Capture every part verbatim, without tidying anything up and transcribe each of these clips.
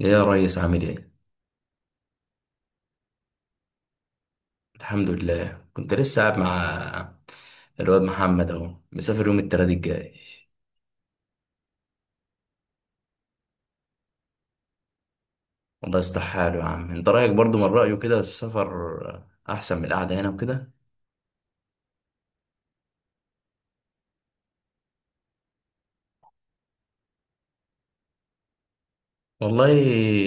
ايه يا ريس، عامل ايه؟ الحمد لله. كنت لسه قاعد مع الواد محمد، اهو مسافر يوم التلات الجاي. والله يصلح حاله يا عم. انت رايك برضو من رايه كده؟ السفر احسن من القعده هنا وكده؟ والله،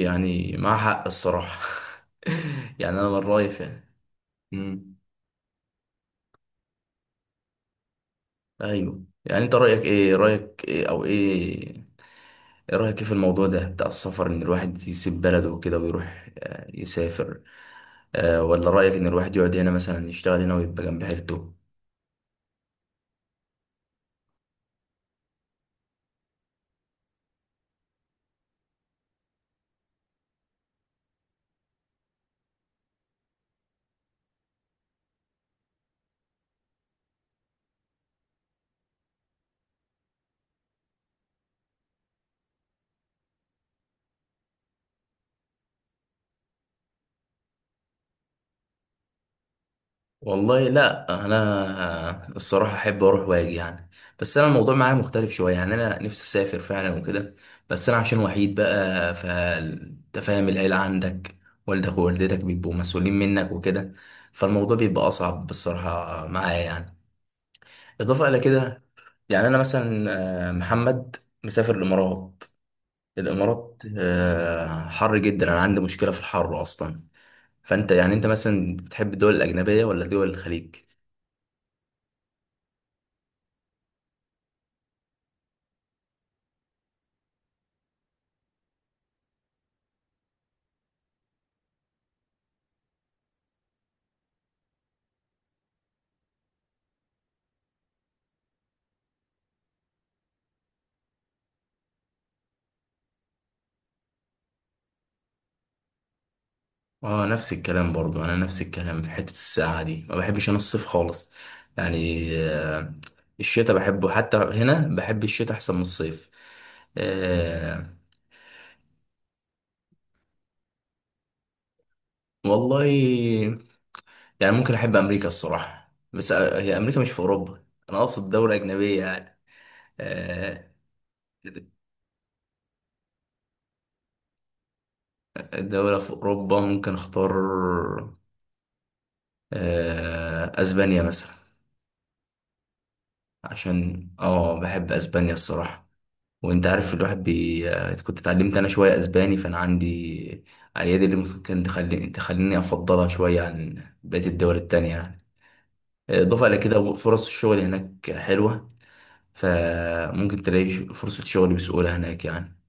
يعني مع حق الصراحه. يعني انا من رايي فعلا. امم ايوه، يعني انت رايك ايه رايك ايه او ايه؟ ايه رايك ايه في الموضوع ده بتاع السفر، ان الواحد يسيب بلده وكده ويروح آه، يسافر؟ آه، ولا رأيك إن الواحد يقعد هنا مثلا يشتغل هنا ويبقى جنب عيلته؟ والله لا، أنا الصراحة أحب أروح وأجي يعني. بس أنا الموضوع معايا مختلف شوية، يعني أنا نفسي أسافر فعلا وكده. بس أنا عشان وحيد بقى، فأنت فاهم، العيلة عندك والدك ووالدتك بيبقوا مسؤولين منك وكده. فالموضوع بيبقى أصعب بالصراحة معايا يعني. إضافة إلى كده، يعني أنا مثلا آه، محمد مسافر الإمارات. الإمارات آه، حر جدا، أنا عندي مشكلة في الحر أصلا. فانت يعني انت مثلا بتحب الدول الاجنبيه ولا دول الخليج؟ اه، نفس الكلام برضو. انا نفس الكلام، في حته السقعه دي ما بحبش، انا الصيف خالص. يعني آه، الشتاء بحبه، حتى هنا بحب الشتاء احسن من الصيف. آه. والله يعني ممكن احب امريكا الصراحه، بس آه، هي امريكا مش في اوروبا. انا اقصد دوله اجنبيه يعني. آه. دوله في اوروبا ممكن اختار، آه اسبانيا مثلا. عشان اه بحب اسبانيا الصراحه. وانت عارف، الواحد بي... آه، كنت اتعلمت انا شويه اسباني، فانا عندي ايادي اللي ممكن تخلي... تخليني افضلها شويه عن بقيه الدول التانية يعني. اضافه الى كده، فرص الشغل هناك حلوه. فممكن تلاقي ش- فرصه شغل بسهوله هناك يعني،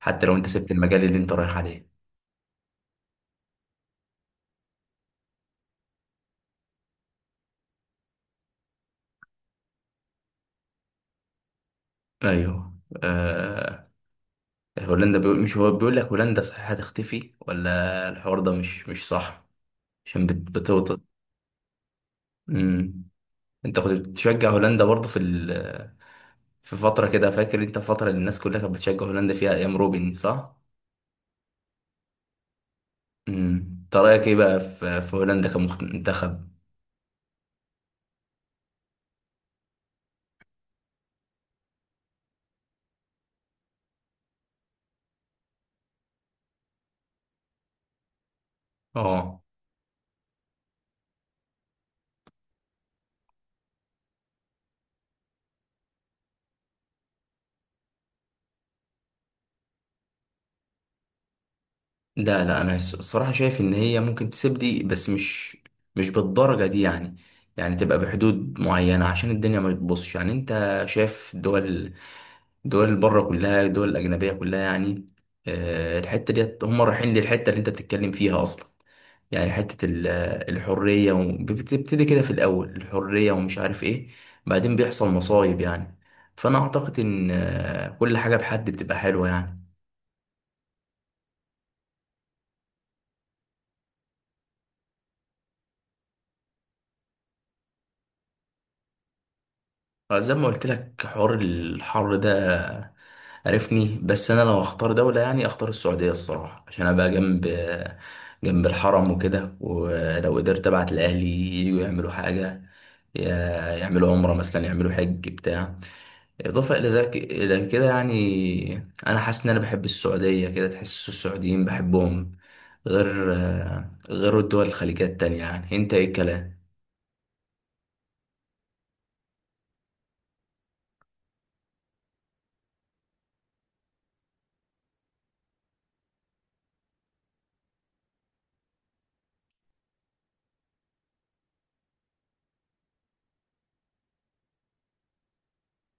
حتى لو انت سبت المجال اللي انت رايح عليه. ايوه. آه... هولندا بيقول، مش هو بيقول لك هولندا صحيح هتختفي، ولا الحوار ده مش مش صح؟ عشان بت... بتوطد. انت كنت بتشجع هولندا برضه في ال... في فترة كده، فاكر انت الفترة اللي الناس كلها كانت بتشجع هولندا فيها ايام روبن، صح؟ امم انت رأيك ايه بقى في, في هولندا كمنتخب؟ اه. لا، لا، انا الص- الصراحة شايف ان هي ممكن تسيب دي، بس مش مش بالدرجة دي يعني. يعني تبقى بحدود معينة عشان الدنيا ما تبصش. يعني انت شايف، دول دول بره كلها، دول الأجنبية كلها يعني آه، الحتة ديت هم رايحين للحتة اللي انت بتتكلم فيها اصلا. يعني حتة ال- الحرية، وبتبتدي كده في الأول الحرية ومش عارف إيه، بعدين بيحصل مصايب يعني. فأنا أعتقد إن آه، كل حاجة بحد بتبقى حلوة يعني. آه، زي ما قلت لك حوار الحر ده، عرفني. بس أنا لو أختار دولة يعني أختار السعودية الصراحة، عشان أبقى جنب جنب الحرم وكده. ولو قدرت أبعت لأهلي يجوا يعملوا حاجة، يا- يعملوا عمرة مثلا، يعملوا حج بتاع. إضافة إلى ذلك، إلى كده، يعني أنا حاسس إن أنا بحب السعودية كده، تحس السعوديين بحبهم، غير آه، غير الدول الخليجية التانية يعني. أنت إيه الكلام؟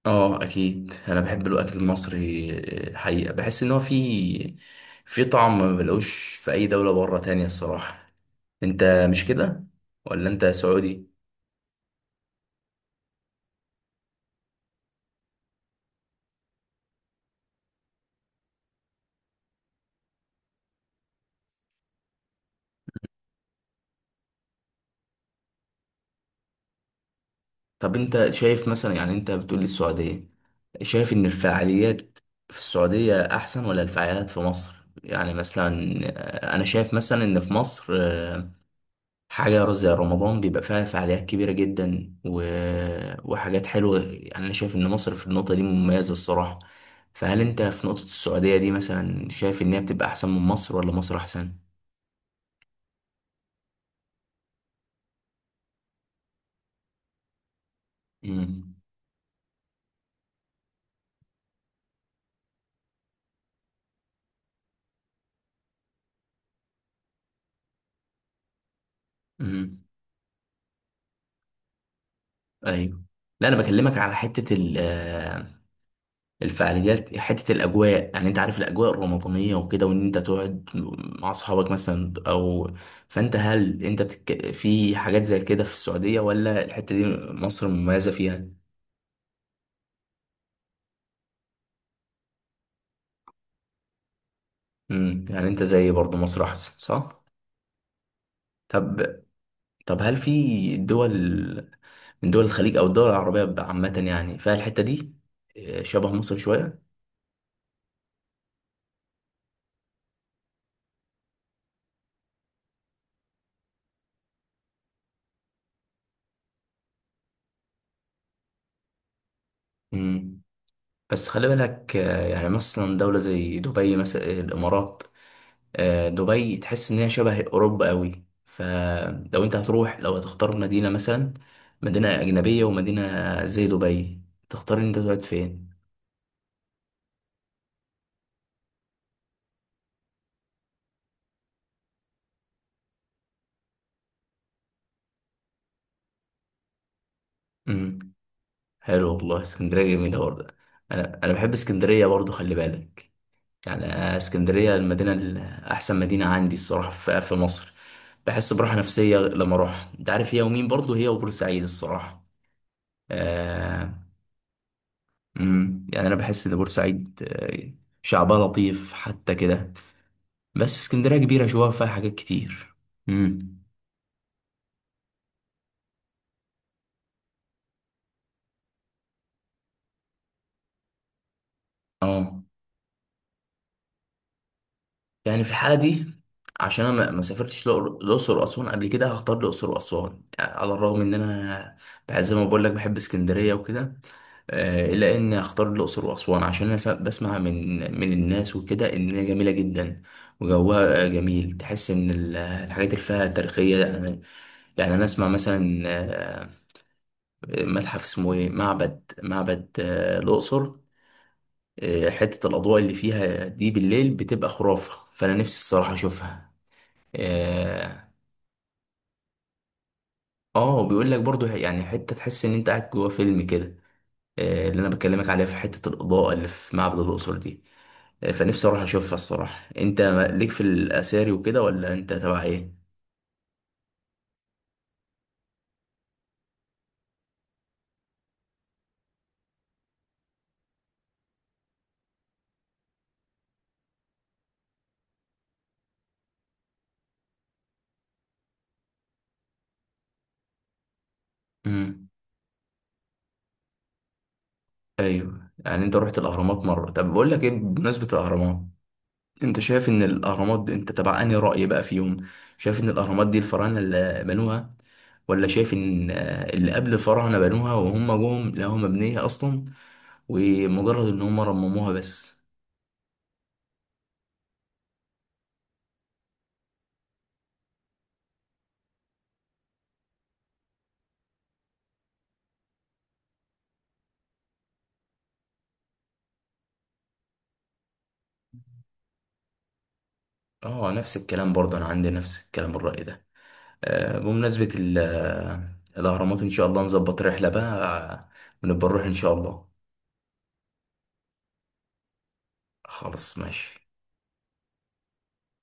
آه، أكيد أنا بحب الأكل المصري. آه، الحقيقة بحس إن هو فيه في طعم ما بلاقوش في أي دولة بره تانية الصراحة. أنت مش كده؟ ولا أنت سعودي؟ طب انت شايف مثلا، يعني انت بتقول لي السعودية، شايف ان الفعاليات في السعودية احسن ولا الفعاليات في مصر؟ يعني مثلا آه، انا شايف مثلا ان في مصر آه، حاجة زي رمضان بيبقى فيها فعاليات كبيرة جدا و... وحاجات حلوة. يعني انا شايف ان مصر في النقطة دي مميزة الصراحة. فهل انت في نقطة السعودية دي مثلا شايف ان هي بتبقى احسن من مصر، ولا مصر احسن؟ امم امم ايوه. لا، انا بكلمك على حتة ال الفعاليات، حتة الأجواء. يعني أنت عارف الأجواء الرمضانية وكده، وإن أنت تقعد مع أصحابك مثلا أو... فأنت هل أنت بتك... في حاجات زي كده في السعودية، ولا الحتة دي مصر مميزة فيها؟ امم يعني أنت زي برضو، مصر أحسن صح؟ طب طب هل في دول من دول الخليج أو الدول العربية عامة يعني فيها الحتة دي آه، شبه مصر شوية؟ امم بس خلي بالك آه، يعني مثلا دولة زي دبي مثلا، الإمارات. آه، دبي تحس إن هي شبه أوروبا أوي. فلو أنت هتروح، لو هتختار مدينة مثلا، مدينة أجنبية ومدينة زي دبي، تختار إن أنت تقعد فين؟ امم حلو والله، اسكندرية جميلة برضه. أنا أنا بحب اسكندرية برضه خلي بالك. يعني آه، اسكندرية المدينة ال- أحسن مدينة عندي الصراحة في في مصر. بحس براحة نفسية لما أروح. أنت عارف، هي ومين برضه، هي وبورسعيد الصراحة. آه، امم يعني انا بحس ان بورسعيد آه، شعبها لطيف حتى كده. بس اسكندريه كبيره شويه، فيها حاجات كتير. امم اه، يعني في الحاله دي، عشان انا ما ما سافرتش الأقر- الاقصر واسوان قبل كده، هختار الاقصر واسوان. يعني على الرغم ان انا بح- زي ما بقول لك بحب اسكندريه وكده، آه، الا ان اختار الاقصر واسوان عشان انا س- بسمع من من الناس وكده ان هي جميله جدا وجوها جميل. تحس ان ال- الحاجات اللي فيها تاريخيه يعني. يعني انا اسمع مثلا آه، متحف اسمه ايه، معبد معبد آه، الأقصر. آه، حتة الأضواء اللي فيها دي بالليل بتبقى خرافة، فأنا نفسي الصراحة أشوفها. اه. آه، بيقول لك برضو، يعني حتة تحس إن أنت قاعد جوا فيلم كده. آه، اللي أنا بكلمك عليها، في حتة الإضاءة اللي في معبد الأقصر دي. آه، فنفسي أروح أشوفها الصراحة. أنت ليك في الأثاري وكده، ولا أنت تبع إيه؟ مم. أيوه، يعني أنت رحت الأهرامات مرة. طب بقول لك إيه، بمناسبة الأهرامات، انت شايف ان الاهرامات دي انت تبع انهي رأي بقى فيهم؟ شايف ان الاهرامات دي الفراعنه اللي بنوها، ولا شايف ان آه، اللي قبل الفراعنه بنوها، وهم جم لقوها مبنيه اصلا، ومجرد ان هم رمموها بس؟ اه، نفس الكلام برضه. انا عندي نفس الكلام، الرأي ده. آه، بمناسبة ال- آه، الاهرامات، ان شاء الله نظبط رحلة بقى، آه، ونبقى نروح ان شاء الله. خلاص ماشي.